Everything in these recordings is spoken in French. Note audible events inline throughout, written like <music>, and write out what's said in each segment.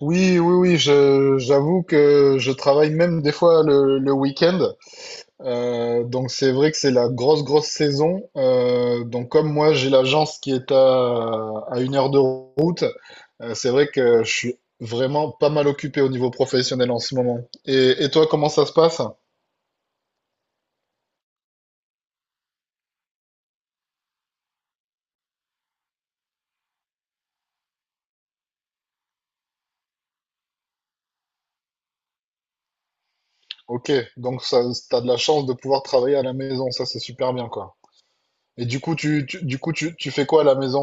Oui, oui, oui, j'avoue que je travaille même des fois le week-end. Donc c'est vrai que c'est la grosse, grosse saison. Donc comme moi, j'ai l'agence qui est à une heure de route, c'est vrai que je suis vraiment pas mal occupé au niveau professionnel en ce moment. Et toi, comment ça se passe? Ok, donc ça, t'as de la chance de pouvoir travailler à la maison, ça c'est super bien quoi. Et du coup, tu fais quoi à la maison?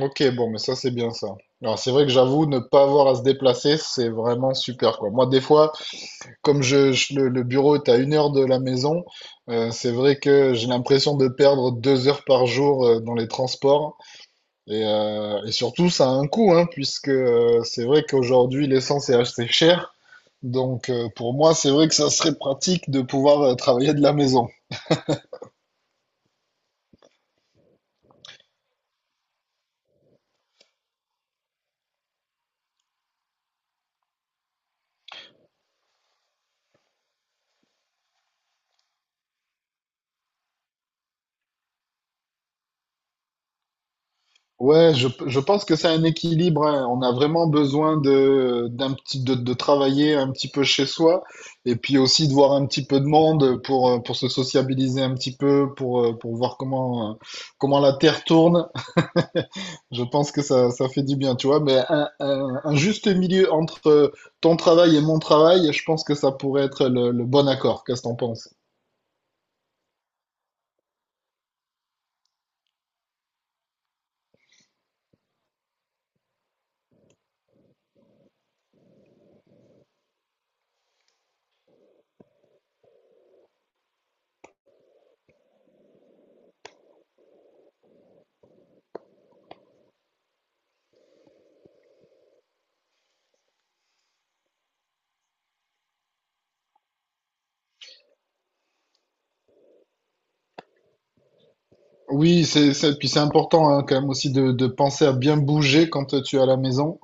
Ok, bon, mais ça, c'est bien ça. Alors, c'est vrai que j'avoue, ne pas avoir à se déplacer, c'est vraiment super, quoi. Moi, des fois, comme le bureau est à une heure de la maison, c'est vrai que j'ai l'impression de perdre deux heures par jour dans les transports. Et surtout, ça a un coût, hein, puisque c'est vrai qu'aujourd'hui, l'essence est assez chère. Pour moi, c'est vrai que ça serait pratique de pouvoir travailler de la maison. Ouais, je pense que c'est un équilibre, hein. On a vraiment besoin de travailler un petit peu chez soi et puis aussi de voir un petit peu de monde pour se sociabiliser un petit peu, pour voir comment, comment la Terre tourne. <laughs> Je pense que ça fait du bien, tu vois. Mais un juste milieu entre ton travail et mon travail, je pense que ça pourrait être le bon accord. Qu'est-ce que t'en penses? Oui, puis c'est important hein, quand même aussi de penser à bien bouger quand tu es à la maison.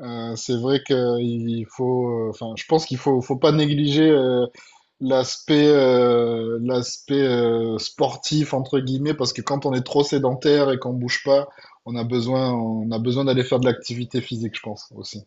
C'est vrai qu'il faut, enfin, je pense qu'il faut pas négliger l'aspect, l'aspect sportif entre guillemets, parce que quand on est trop sédentaire et qu'on bouge pas, on a besoin d'aller faire de l'activité physique, je pense aussi.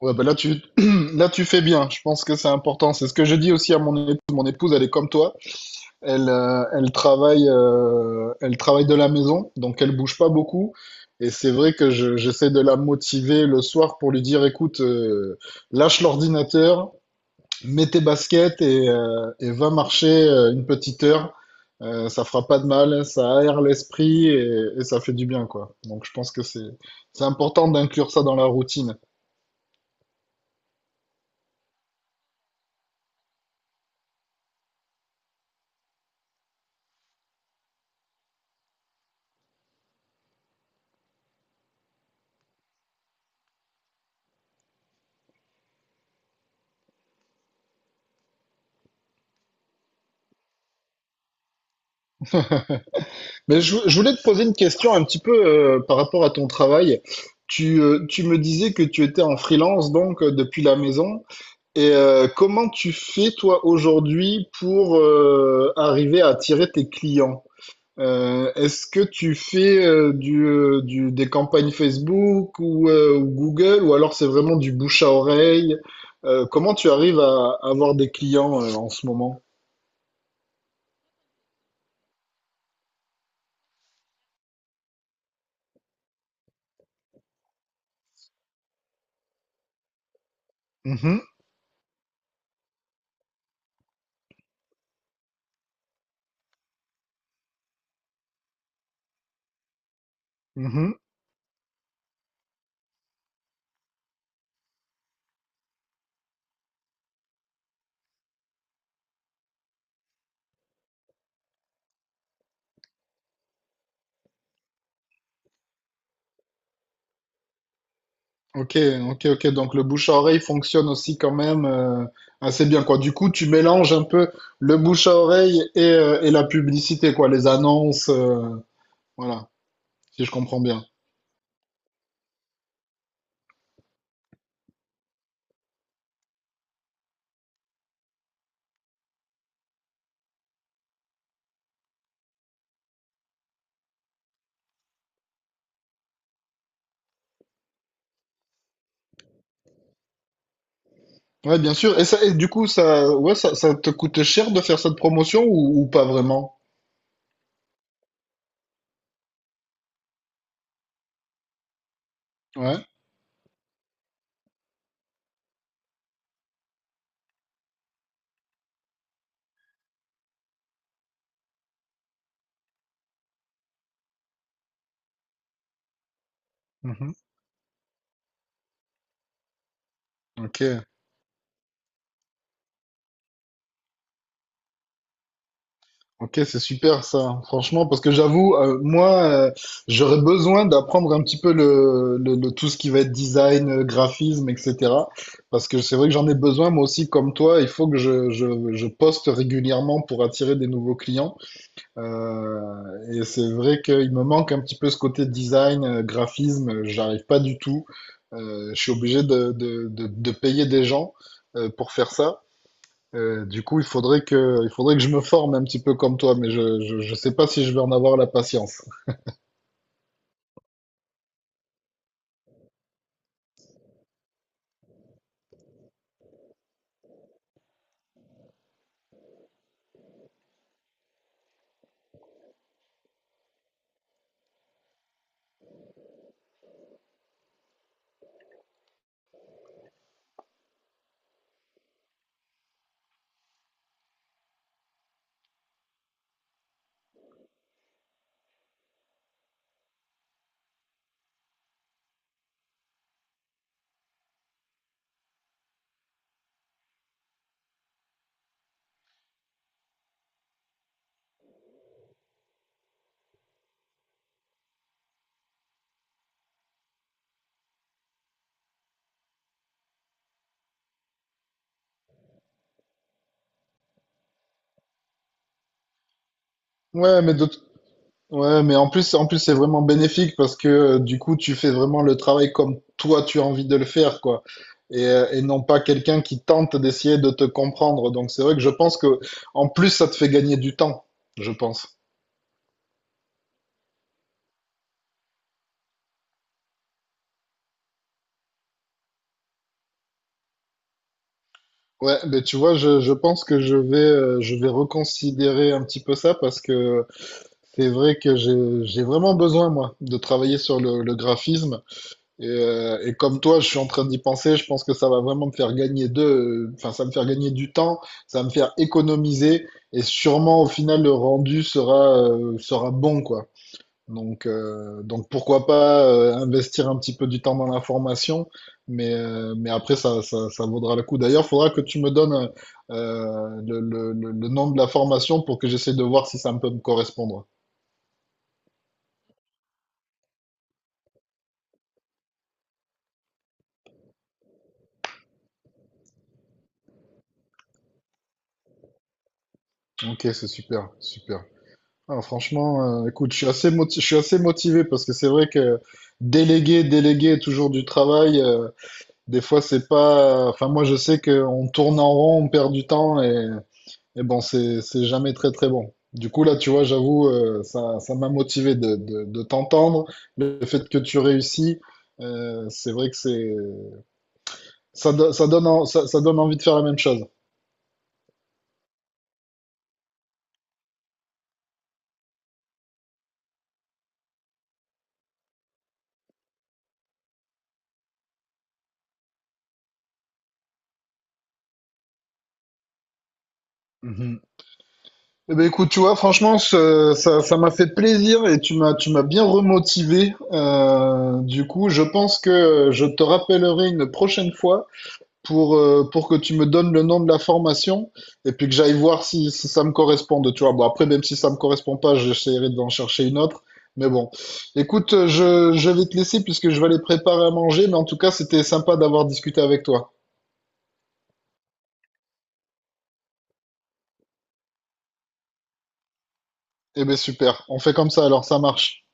Ouais, <clears throat> là tu fais bien. Je pense que c'est important. C'est ce que je dis aussi à mon épouse. Mon épouse, elle est comme toi. Elle, elle travaille de la maison, donc elle bouge pas beaucoup. Et c'est vrai que j'essaie de la motiver le soir pour lui dire, écoute, lâche l'ordinateur, mets tes baskets et va marcher une petite heure. Ça fera pas de mal, ça aère l'esprit et ça fait du bien, quoi. Donc je pense que c'est important d'inclure ça dans la routine. Mais je voulais te poser une question un petit peu par rapport à ton travail. Tu me disais que tu étais en freelance donc depuis la maison. Et comment tu fais toi aujourd'hui pour arriver à attirer tes clients? Est-ce que tu fais des campagnes Facebook ou Google ou alors c'est vraiment du bouche à oreille? Comment tu arrives à avoir des clients en ce moment? Mhm, mhm. Ok, ok, ok. Donc le bouche à oreille fonctionne aussi quand même assez bien, quoi. Du coup, tu mélanges un peu le bouche à oreille et la publicité, quoi, les annonces, voilà, si je comprends bien. Ouais, bien sûr. Et du coup, ça te coûte cher de faire cette promotion ou pas vraiment? Ouais. Mhm. Ok. Ok, c'est super ça, franchement, parce que j'avoue, j'aurais besoin d'apprendre un petit peu tout ce qui va être design, graphisme, etc. Parce que c'est vrai que j'en ai besoin, moi aussi, comme toi, il faut que je poste régulièrement pour attirer des nouveaux clients. Euh, et c'est vrai qu'il me manque un petit peu ce côté design, graphisme, j'arrive pas du tout. Je suis obligé de payer des gens pour faire ça. Il faudrait que je me forme un petit peu comme toi, mais je sais pas si je vais en avoir la patience. Ouais, mais de t- ouais, mais en plus, c'est vraiment bénéfique parce que du coup, tu fais vraiment le travail comme toi, tu as envie de le faire, quoi. Et non pas quelqu'un qui tente d'essayer de te comprendre. Donc, c'est vrai que je pense que, en plus, ça te fait gagner du temps, je pense. Ouais, mais tu vois, je pense que je vais reconsidérer un petit peu ça parce que c'est vrai que j'ai vraiment besoin, moi, de travailler sur le graphisme. Et comme toi, je suis en train d'y penser. Je pense que ça va vraiment me faire gagner de, enfin, ça va me faire gagner du temps, ça va me faire économiser, et sûrement au final le rendu sera sera bon, quoi. Donc pourquoi pas investir un petit peu du temps dans la formation, mais après ça vaudra le coup. D'ailleurs, faudra que tu me donnes le nom de la formation pour que j'essaie de voir si ça peut me correspondre. Ok, c'est super, super. Ah, franchement, écoute, je suis assez motivé parce que c'est vrai que déléguer toujours du travail, des fois c'est pas. Enfin, moi je sais qu'on tourne en rond, on perd du temps et bon, c'est jamais très très bon. Du coup, là, tu vois, j'avoue, ça m'a motivé de t'entendre. Le fait que tu réussis, c'est vrai que ça donne ça donne envie de faire la même chose. Eh ben écoute, tu vois, franchement, ça m'a fait plaisir et tu m'as bien remotivé. Du coup, je pense que je te rappellerai une prochaine fois pour que tu me donnes le nom de la formation et puis que j'aille voir si, si ça me correspond. Tu vois, bon, après, même si ça me correspond pas, j'essaierai d'en chercher une autre. Mais bon, écoute, je vais te laisser puisque je vais aller préparer à manger. Mais en tout cas, c'était sympa d'avoir discuté avec toi. Eh ben super, on fait comme ça alors, ça marche.